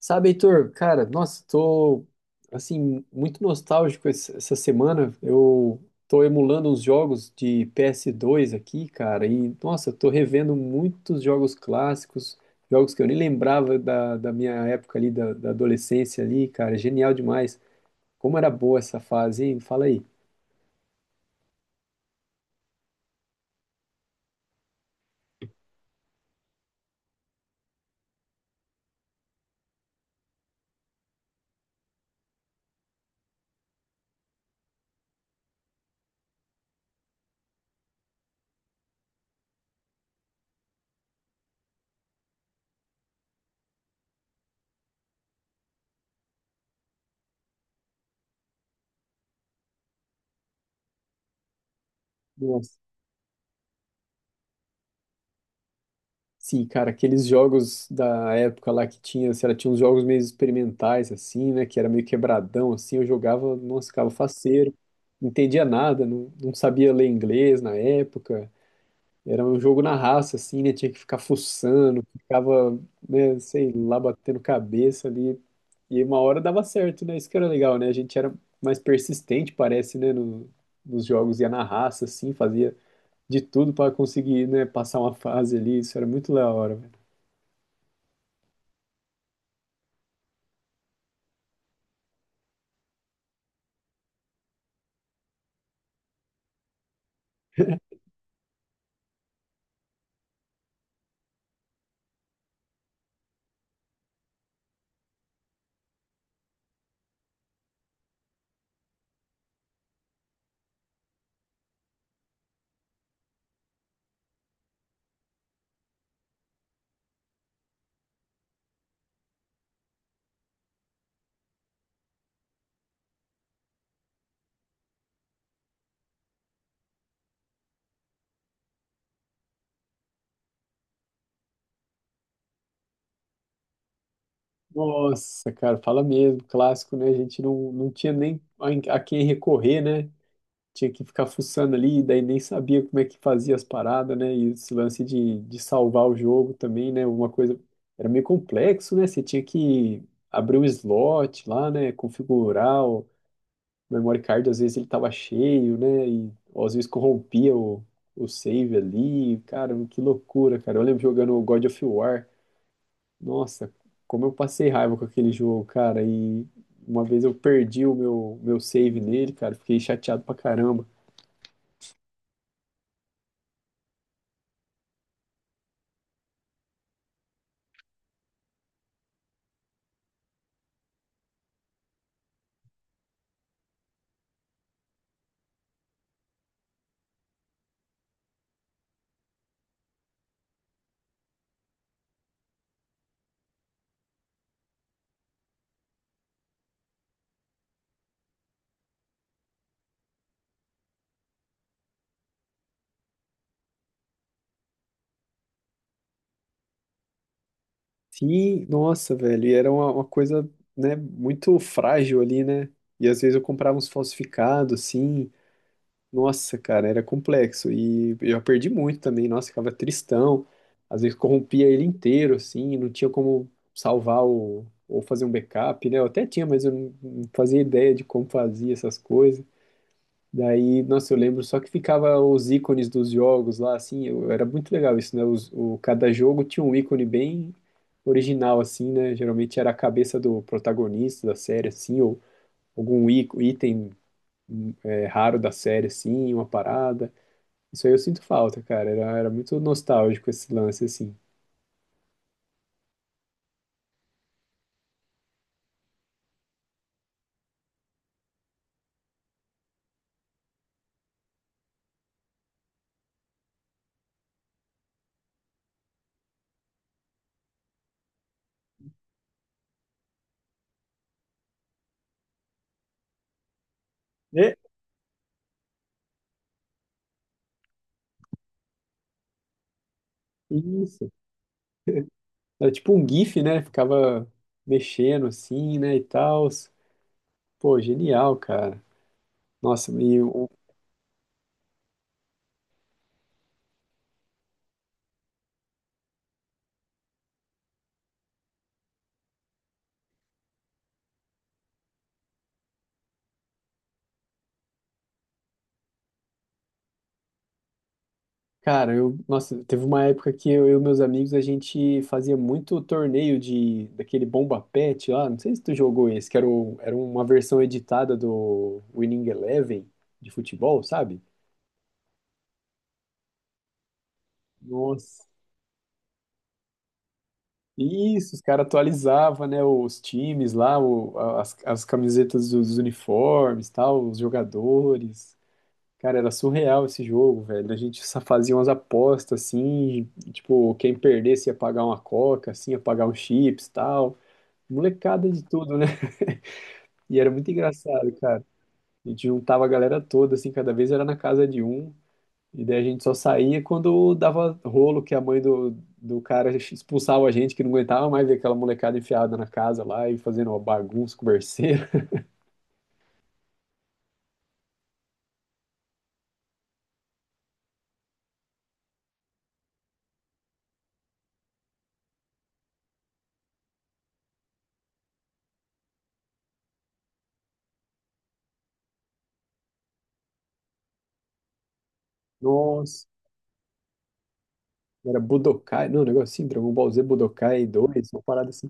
Sabe, Heitor, cara, nossa, tô, assim, muito nostálgico essa semana. Eu tô emulando uns jogos de PS2 aqui, cara, e, nossa, tô revendo muitos jogos clássicos, jogos que eu nem lembrava da minha época ali, da adolescência ali, cara, genial demais. Como era boa essa fase, hein? Fala aí. Nossa. Sim, cara, aqueles jogos da época lá que tinha, sei lá, tinha uns jogos meio experimentais, assim, né? Que era meio quebradão, assim, eu jogava, nossa, ficava faceiro, não entendia nada, não, não sabia ler inglês na época. Era um jogo na raça, assim, né? Tinha que ficar fuçando, ficava, né, sei lá, batendo cabeça ali. E uma hora dava certo, né? Isso que era legal, né? A gente era mais persistente, parece, né? Nos jogos, ia na raça, assim, fazia de tudo para conseguir, né, passar uma fase ali. Isso era muito da hora, velho. Nossa, cara, fala mesmo, clássico, né? A gente não tinha nem a quem recorrer, né? Tinha que ficar fuçando ali, daí nem sabia como é que fazia as paradas, né? E esse lance de salvar o jogo também, né? Uma coisa era meio complexo, né? Você tinha que abrir um slot lá, né? Configurar o memory card, às vezes ele tava cheio, né? E ou às vezes corrompia o save ali. Cara, que loucura, cara. Eu lembro jogando o God of War. Nossa, como eu passei raiva com aquele jogo, cara. E uma vez eu perdi o meu save nele, cara. Fiquei chateado pra caramba. Sim, nossa, velho. E era uma coisa, né, muito frágil ali, né? E às vezes eu comprava uns falsificados, assim. Nossa, cara, era complexo. E eu perdi muito também. Nossa, ficava tristão. Às vezes corrompia ele inteiro, assim. Não tinha como salvar o, ou fazer um backup, né? Eu até tinha, mas eu não fazia ideia de como fazia essas coisas. Daí, nossa, eu lembro só que ficava os ícones dos jogos lá, assim, era muito legal isso, né? Cada jogo tinha um ícone bem original, assim, né? Geralmente era a cabeça do protagonista da série, assim, ou algum item raro da série, assim, uma parada. Isso aí eu sinto falta, cara. Era muito nostálgico esse lance, assim. É, isso. Era tipo um GIF, né? Ficava mexendo assim, né? E tal. Pô, genial, cara. Nossa, e o cara, nossa, teve uma época que eu e meus amigos a gente fazia muito torneio de daquele Bomba Pet lá, não sei se tu jogou esse, era uma versão editada do Winning Eleven de futebol, sabe? Nossa. Isso, os caras atualizavam, né, os times lá, as camisetas dos uniformes, tal, os jogadores. Cara, era surreal esse jogo, velho. A gente só fazia umas apostas assim, tipo, quem perdesse ia pagar uma coca, assim, ia pagar um chips, tal. Molecada de tudo, né? E era muito engraçado, cara. A gente juntava a galera toda, assim, cada vez era na casa de um. E daí a gente só saía quando dava rolo que a mãe do cara expulsava a gente, que não aguentava mais ver aquela molecada enfiada na casa lá e fazendo uma bagunça, converseira. Nossa, era Budokai, não, um negócio assim, Dragon Ball Z, Budokai 2, uma parada assim.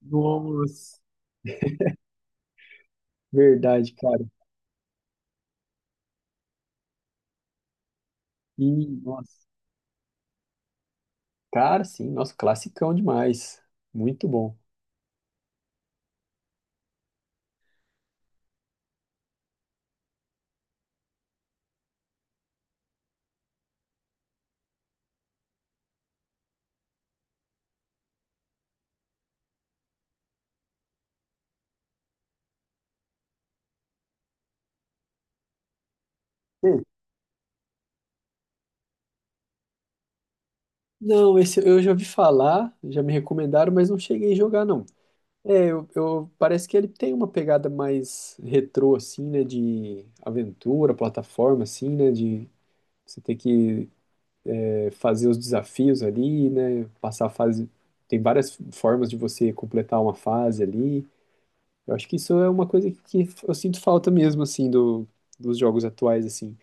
Nossa, verdade, cara. E, nossa, cara, sim, nossa, classicão demais. Muito bom. Não, esse eu já ouvi falar, já me recomendaram, mas não cheguei a jogar, não. É, parece que ele tem uma pegada mais retrô, assim, né? De aventura, plataforma, assim, né? De você ter que fazer os desafios ali, né? Passar a fase. Tem várias formas de você completar uma fase ali. Eu acho que isso é uma coisa que eu sinto falta mesmo, assim, dos jogos atuais, assim.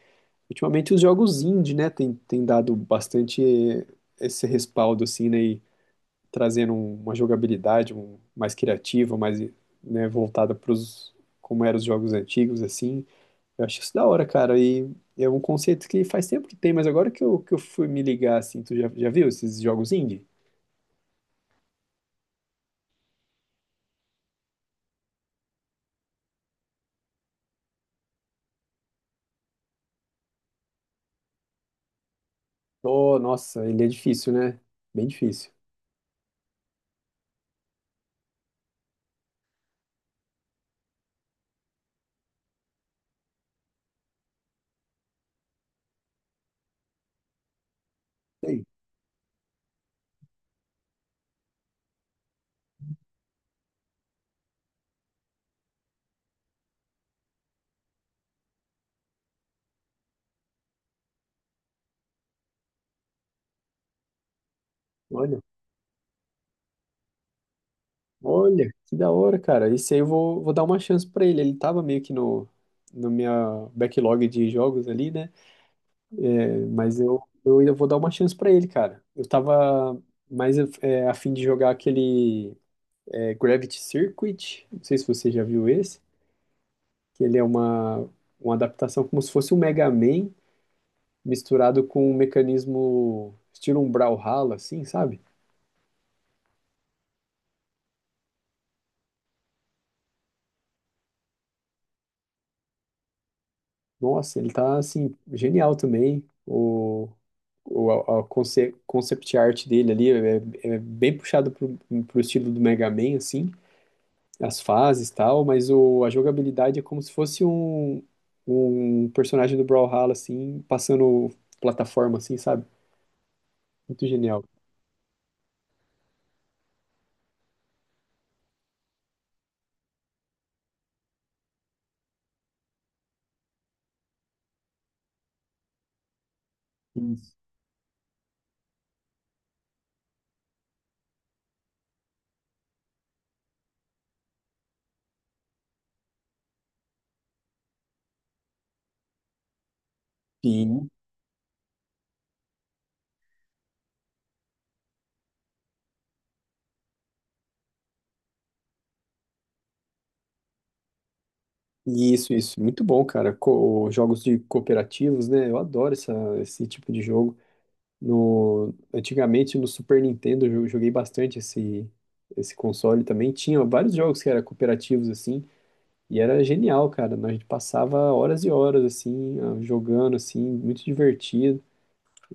Ultimamente os jogos indie, né? Tem dado bastante esse respaldo, assim, né? Trazendo uma jogabilidade mais criativa, mais, né, voltada para os como eram os jogos antigos, assim. Eu acho isso da hora, cara. E é um conceito que faz tempo que tem, mas agora que eu fui me ligar, assim, tu já viu esses jogos indie? Oh, nossa, ele é difícil, né? Bem difícil. Ei, olha, olha, que da hora, cara. Esse aí eu vou dar uma chance pra ele. Ele tava meio que no minha backlog de jogos ali, né? É, mas eu ainda vou dar uma chance pra ele, cara. Eu tava mais é, a fim de jogar aquele Gravity Circuit, não sei se você já viu esse, que ele é uma adaptação como se fosse um Mega Man misturado com um mecanismo estilo um Brawlhalla, assim, sabe? Nossa, ele tá, assim, genial também. A concept art dele ali é, é bem puxado pro estilo do Mega Man, assim. As fases e tal, mas a jogabilidade é como se fosse um personagem do Brawlhalla, assim, passando plataforma, assim, sabe? Muito genial. Isso. Sim. Isso, isso. Muito bom, cara. Jogos de cooperativos, né? Eu adoro esse tipo de jogo. No, antigamente, no Super Nintendo, eu joguei bastante esse console também. Tinha vários jogos que eram cooperativos, assim, e era genial, cara. A gente passava horas e horas, assim, jogando, assim, muito divertido.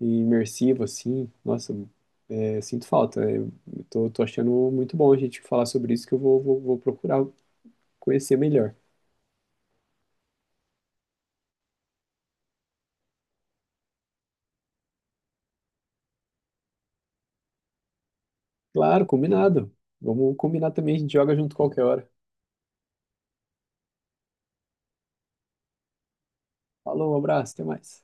E imersivo, assim. Nossa, é, sinto falta. Né? Eu tô achando muito bom a gente falar sobre isso, que eu vou procurar conhecer melhor. Claro, combinado. Vamos combinar também, a gente joga junto qualquer hora. Falou, um abraço, até mais.